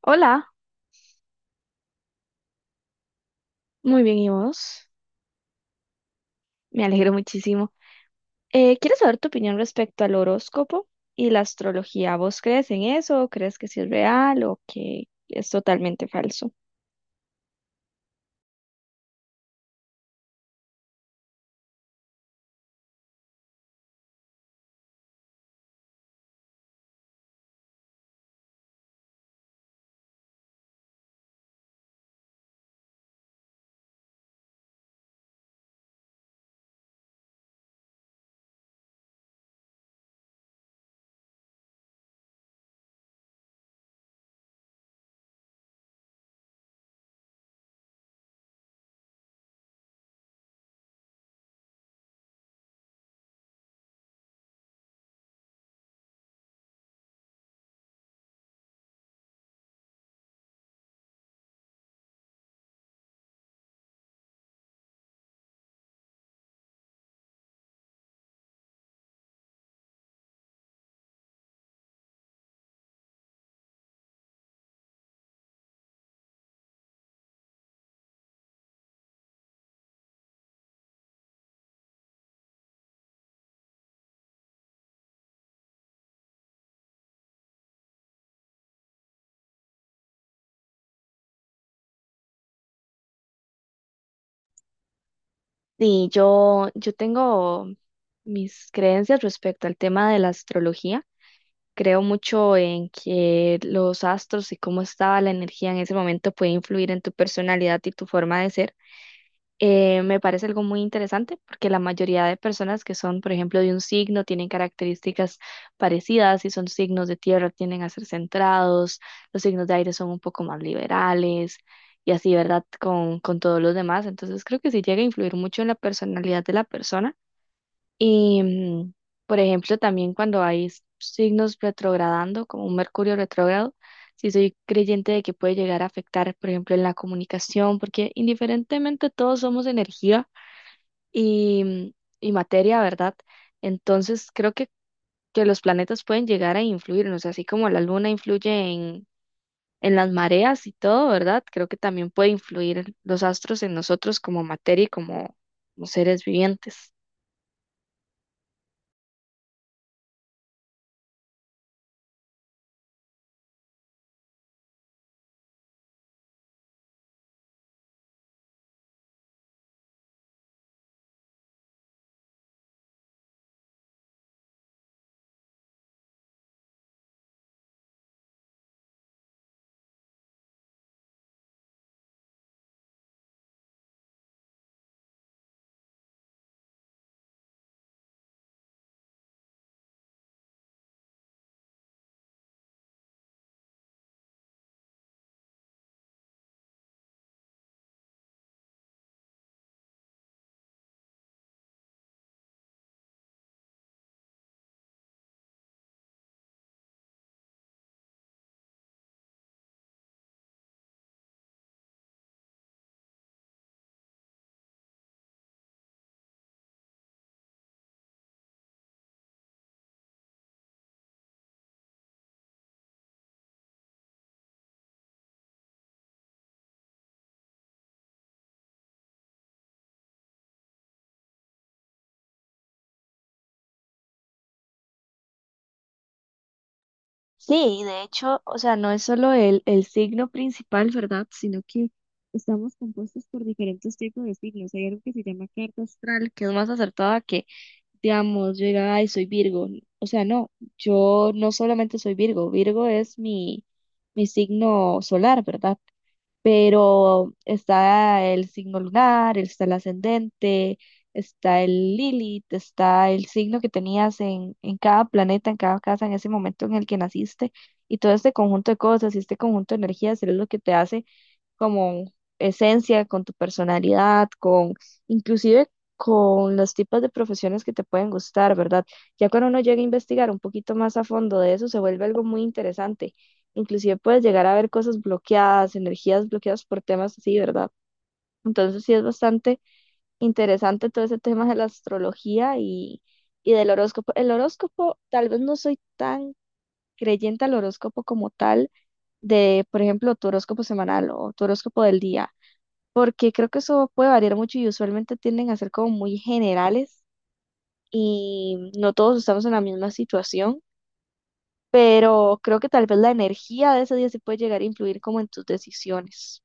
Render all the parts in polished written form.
Hola, muy bien, ¿y vos? Me alegro muchísimo. ¿Quieres saber tu opinión respecto al horóscopo y la astrología? ¿Vos crees en eso? ¿O crees que sí es real o que es totalmente falso? Sí, yo tengo mis creencias respecto al tema de la astrología. Creo mucho en que los astros y cómo estaba la energía en ese momento puede influir en tu personalidad y tu forma de ser. Me parece algo muy interesante porque la mayoría de personas que son, por ejemplo, de un signo tienen características parecidas. Si son signos de tierra, tienden a ser centrados. Los signos de aire son un poco más liberales y así, ¿verdad? Con todos los demás. Entonces, creo que sí llega a influir mucho en la personalidad de la persona. Y, por ejemplo, también cuando hay signos retrogradando, como un Mercurio retrógrado, sí soy creyente de que puede llegar a afectar, por ejemplo, en la comunicación, porque indiferentemente todos somos energía y, y materia, ¿verdad? Entonces, que los planetas pueden llegar a influirnos, así como la luna influye en las mareas y todo, ¿verdad? Creo que también puede influir los astros en nosotros como materia y como como seres vivientes. Sí, de hecho, o sea, no es solo el signo principal, ¿verdad? Sino que estamos compuestos por diferentes tipos de signos. Hay algo que se llama carta astral, que es más acertada que, digamos, yo diga, ay, soy Virgo. O sea, no, yo no solamente soy Virgo, Virgo es mi, mi signo solar, ¿verdad? Pero está el signo lunar, está el ascendente, está el Lilith, está el signo que tenías en cada planeta, en cada casa, en ese momento en el que naciste, y todo este conjunto de cosas y este conjunto de energías es lo que te hace esencia, con tu personalidad, con inclusive con los tipos de profesiones que te pueden gustar, ¿verdad? Ya cuando uno llega a investigar un poquito más a fondo de eso, se vuelve algo muy interesante. Inclusive puedes llegar a ver cosas bloqueadas, energías bloqueadas por temas así, ¿verdad? Entonces sí es bastante interesante todo ese tema de la astrología y del horóscopo. El horóscopo, tal vez no soy tan creyente al horóscopo como tal, de, por ejemplo, tu horóscopo semanal o tu horóscopo del día, porque creo que eso puede variar mucho y usualmente tienden a ser como muy generales y no todos estamos en la misma situación, pero creo que tal vez la energía de ese día sí puede llegar a influir como en tus decisiones.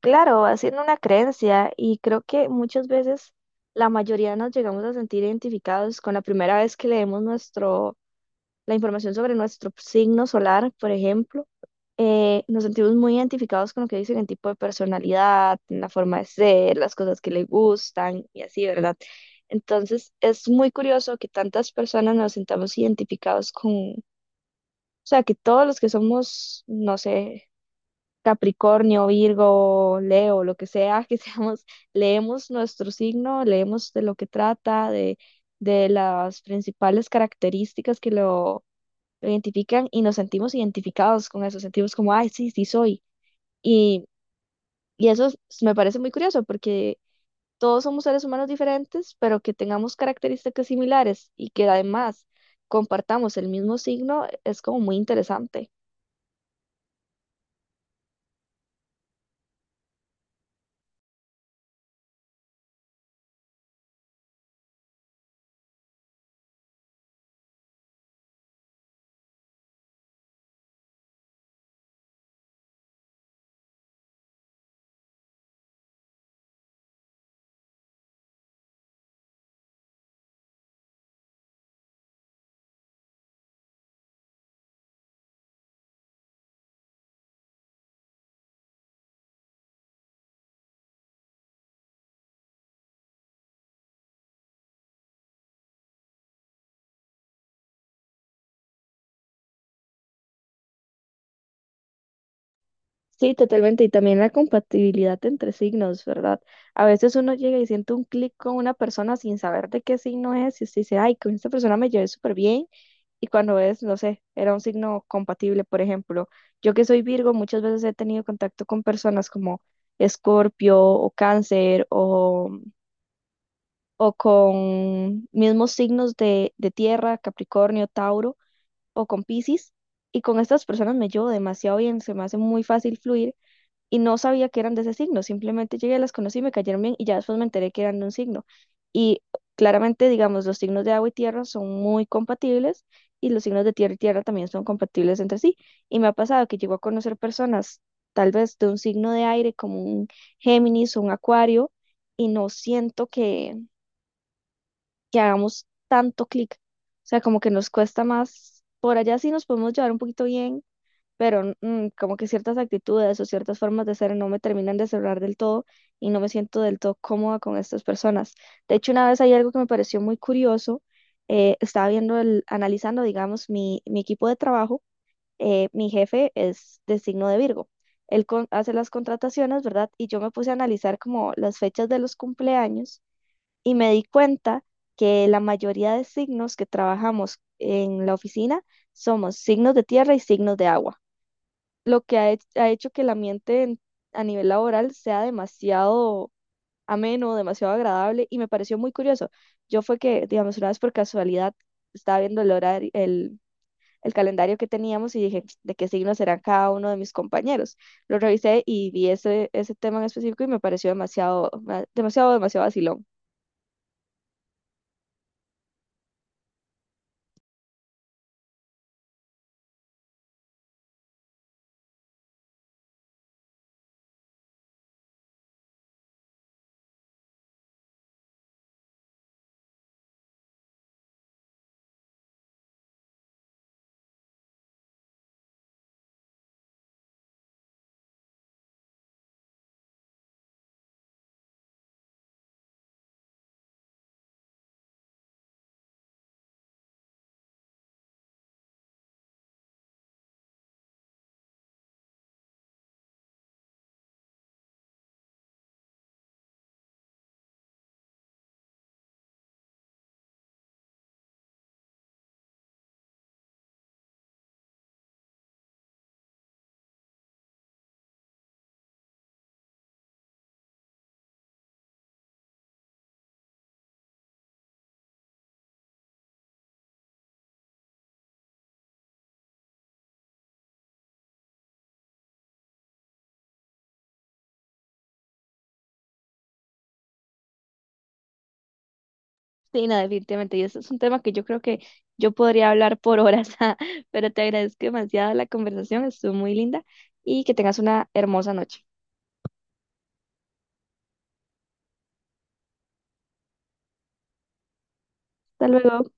Claro, haciendo una creencia y creo que muchas veces la mayoría nos llegamos a sentir identificados con la primera vez que leemos nuestro la información sobre nuestro signo solar, por ejemplo, nos sentimos muy identificados con lo que dicen en tipo de personalidad, en la forma de ser, las cosas que le gustan y así, ¿verdad? Entonces, es muy curioso que tantas personas nos sintamos identificados con, o sea, que todos los que somos, no sé, Capricornio, Virgo, Leo, lo que sea, que seamos, leemos nuestro signo, leemos de lo que trata, de las principales características que lo identifican y nos sentimos identificados con eso, sentimos como, ay, sí, sí soy. Y, y eso es- me parece muy curioso porque todos somos seres humanos diferentes, pero que tengamos características similares y que además compartamos el mismo signo es como muy interesante. Sí, totalmente. Y también la compatibilidad entre signos, ¿verdad? A veces uno llega y siente un clic con una persona sin saber de qué signo es y se dice, ay, con esta persona me llevé súper bien, y cuando es, no sé, era un signo compatible. Por ejemplo, yo que soy Virgo, muchas veces he tenido contacto con personas como Escorpio o Cáncer o con mismos signos de tierra, Capricornio, Tauro o con Piscis. Y con estas personas me llevo demasiado bien, se me hace muy fácil fluir y no sabía que eran de ese signo, simplemente llegué, las conocí, me cayeron bien y ya después me enteré que eran de un signo. Y claramente, digamos, los signos de agua y tierra son muy compatibles y los signos de tierra y tierra también son compatibles entre sí. Y me ha pasado que llego a conocer personas tal vez de un signo de aire como un Géminis o un Acuario y no siento que hagamos tanto clic. O sea, como que nos cuesta más. Por allá sí nos podemos llevar un poquito bien, pero como que ciertas actitudes o ciertas formas de ser no me terminan de cerrar del todo y no me siento del todo cómoda con estas personas. De hecho, una vez hay algo que me pareció muy curioso, estaba viendo, analizando, digamos, mi equipo de trabajo. Mi jefe es de signo de Virgo. Hace las contrataciones, ¿verdad? Y yo me puse a analizar como las fechas de los cumpleaños y me di cuenta que la mayoría de signos que trabajamos en la oficina somos signos de tierra y signos de agua, lo que ha hecho que el ambiente a nivel laboral sea demasiado ameno, demasiado agradable y me pareció muy curioso. Yo fue que, digamos, una vez por casualidad estaba viendo el horario, el calendario que teníamos y dije, ¿de qué signo serán cada uno de mis compañeros? Lo revisé y vi ese, ese tema en específico y me pareció demasiado, demasiado vacilón. Sí, no, definitivamente. Y ese es un tema que yo creo que yo podría hablar por horas, pero te agradezco demasiado la conversación, estuvo muy linda y que tengas una hermosa noche. Hasta luego.